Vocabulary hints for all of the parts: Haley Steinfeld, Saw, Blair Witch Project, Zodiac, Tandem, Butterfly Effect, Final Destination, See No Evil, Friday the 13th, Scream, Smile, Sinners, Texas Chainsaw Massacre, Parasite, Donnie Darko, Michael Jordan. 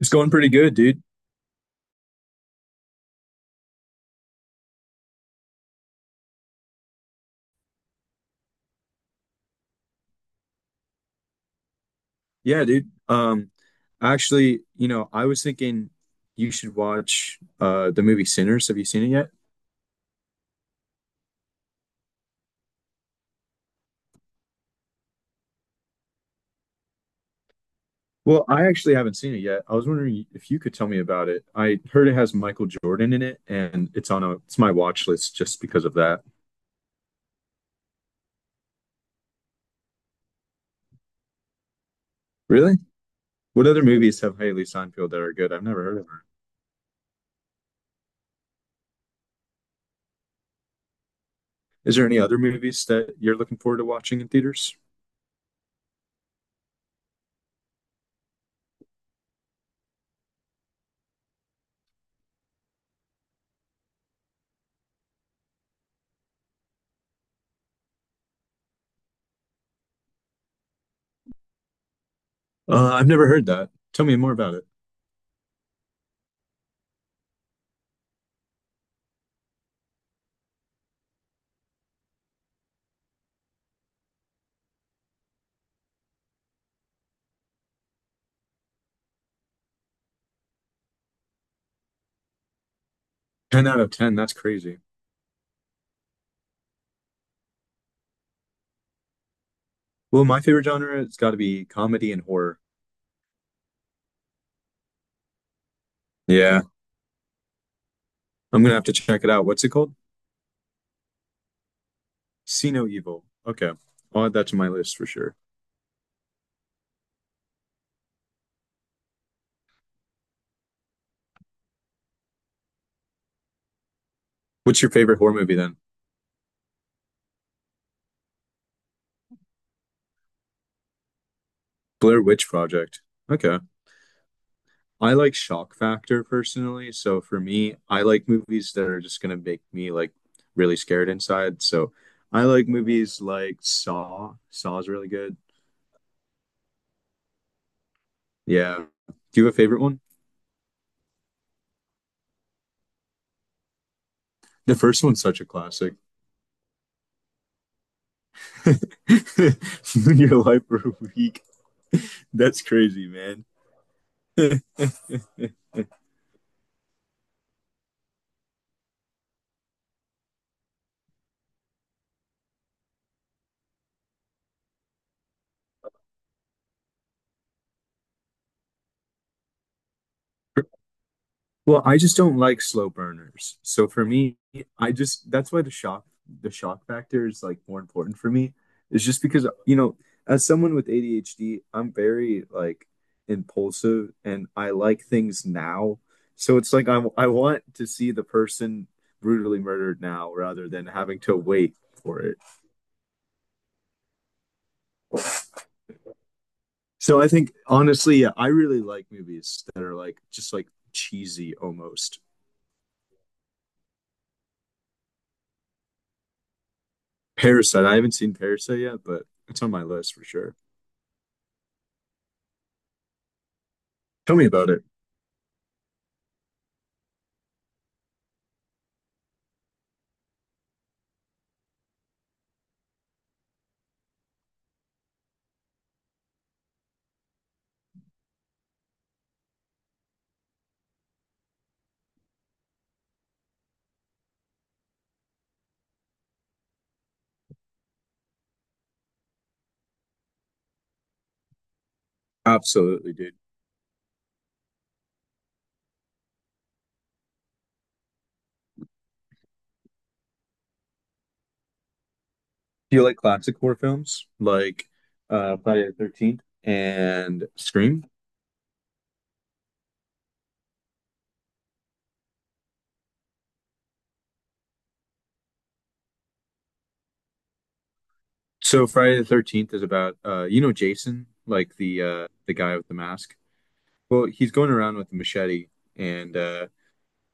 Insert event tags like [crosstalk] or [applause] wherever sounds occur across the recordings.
It's going pretty good, dude. Yeah, dude. Actually, I was thinking you should watch the movie Sinners. Have you seen it yet? Well, I actually haven't seen it yet. I was wondering if you could tell me about it. I heard it has Michael Jordan in it, and it's on a it's my watch list just because of that. Really? What other movies have Haley Steinfeld that are good? I've never heard of her. Is there any other movies that you're looking forward to watching in theaters? I've never heard that. Tell me more about it. 10 out of 10, that's crazy. Well, my favorite genre has got to be comedy and horror. Yeah, I'm gonna have to check it out. What's it called? See No Evil. Okay, I'll add that to my list for sure. What's your favorite horror movie then? Blair Witch Project. Okay. I like shock factor personally, so for me, I like movies that are just gonna make me like really scared inside. So I like movies like Saw. Saw is really good. Yeah. Do you have a favorite one? The first one's such a classic. [laughs] Your life for a week. [laughs] That's crazy, man. [laughs] Well, I just don't like slow burners. So for me, I just that's why the shock factor is like more important for me. It's just because you know, as someone with ADHD, I'm very like impulsive and I like things now. So it's like I want to see the person brutally murdered now rather than having to wait for it. So I think honestly, yeah, I really like movies that are like just like cheesy almost. Parasite. I haven't seen Parasite yet, but it's on my list for sure. Tell me about it. Absolutely, dude. Do you like classic horror films like Friday the 13th and Scream? So Friday the 13th is about you know Jason, like the guy with the mask. Well, he's going around with a machete and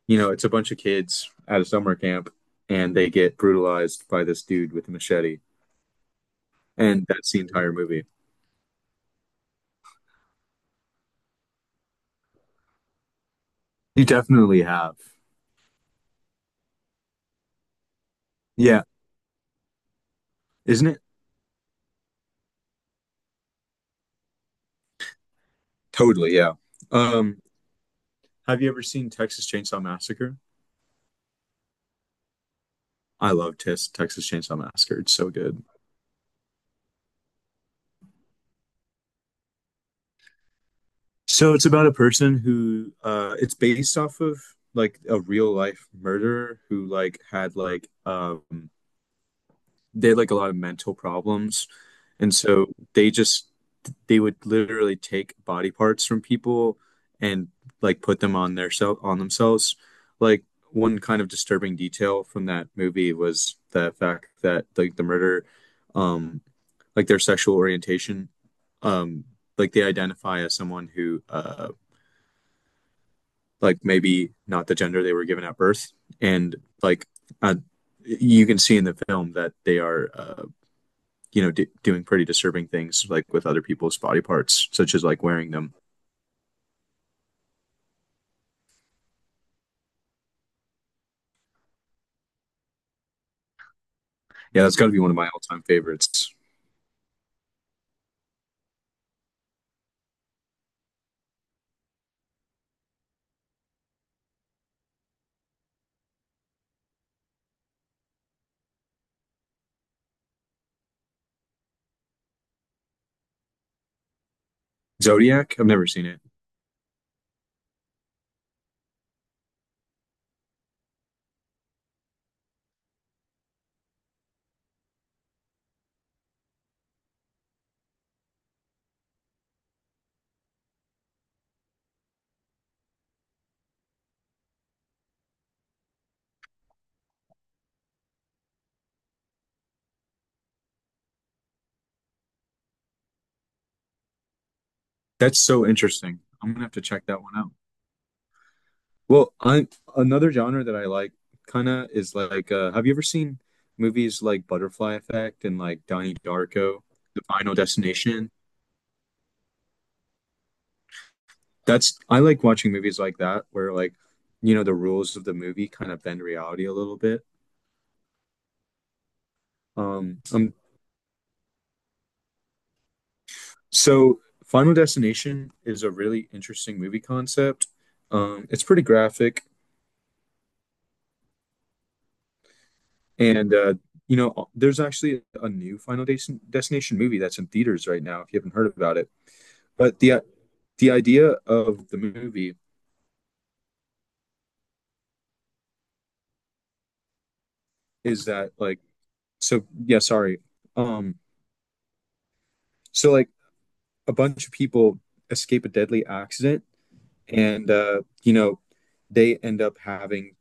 you know, it's a bunch of kids at a summer camp and they get brutalized by this dude with a machete. And that's the entire movie. You definitely have. Yeah, isn't it? Totally, yeah. Um, have you ever seen Texas Chainsaw Massacre? I love Tis Texas Chainsaw Massacre. It's so good. So it's about a person who it's based off of like a real life murderer who like had like they had like a lot of mental problems and so they just they would literally take body parts from people and like put them on their self on themselves. Like one kind of disturbing detail from that movie was the fact that like the murder, um, like their sexual orientation, um, like they identify as someone who, like maybe not the gender they were given at birth, and like uh, you can see in the film that they are, you know, doing pretty disturbing things like with other people's body parts, such as like wearing them. Yeah, that's got to be one of my all-time favorites. Zodiac, I've never seen it. That's so interesting. I'm gonna have to check that one out. Well, I, another genre that I like kind of is like, have you ever seen movies like Butterfly Effect and like Donnie Darko, The Final Destination? That's I like watching movies like that where like, you know, the rules of the movie kind of bend reality a little bit. Um, um, so Final Destination is a really interesting movie concept. It's pretty graphic. And you know, there's actually a new Destination movie that's in theaters right now. If you haven't heard about it, but the idea of the movie is that like so yeah sorry um so like a bunch of people escape a deadly accident and you know they end up having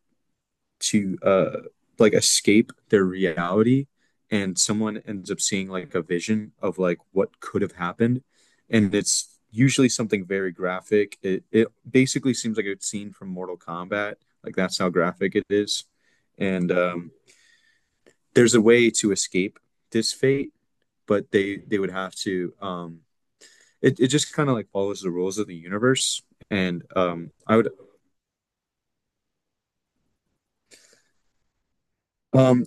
to like escape their reality and someone ends up seeing like a vision of like what could have happened and it's usually something very graphic. It basically seems like a scene from mortal kombat, like that's how graphic it is. And there's a way to escape this fate but they would have to um, it just kind of like follows the rules of the universe. And I would um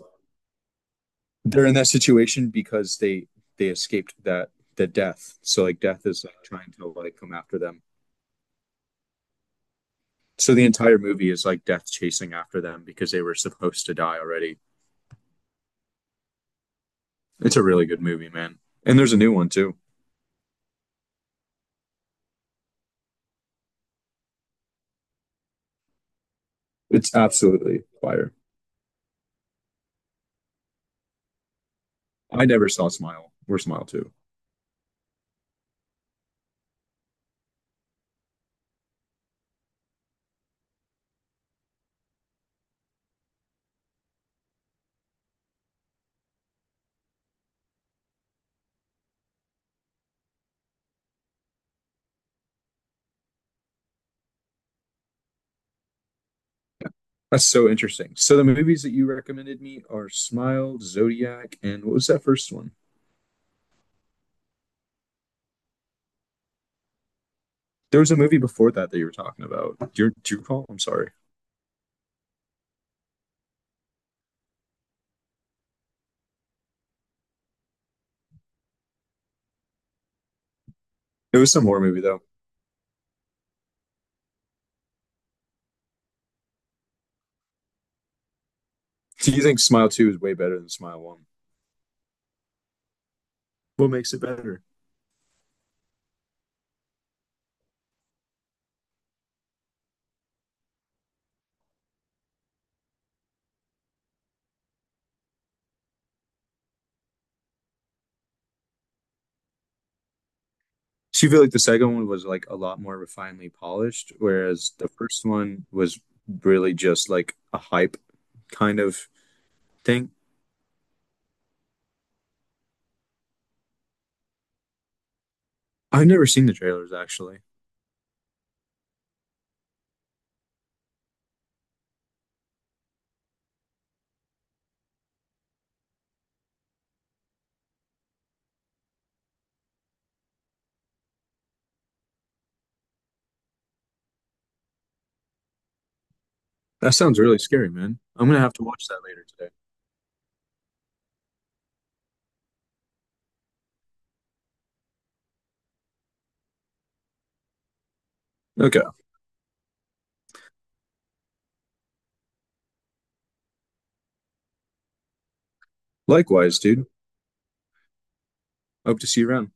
they're in that situation because they escaped that the death. So like death is like trying to like come after them. So the entire movie is like death chasing after them because they were supposed to die already. It's a really good movie, man. And there's a new one too. It's absolutely fire. I never saw Smile or Smile Two. Yeah. That's so interesting. So the movies that you recommended me are Smile, Zodiac, and what was that first one? There was a movie before that that you were talking about. Do you recall? I'm sorry. It was some horror movie though. Do you think Smile Two is way better than Smile One? What makes it better? So you feel like the second one was like a lot more refinedly polished, whereas the first one was really just like a hype kind of thing. I've never seen the trailers actually. That sounds really scary, man. I'm gonna have to watch that later today. Okay. Likewise, dude. Hope to see you around.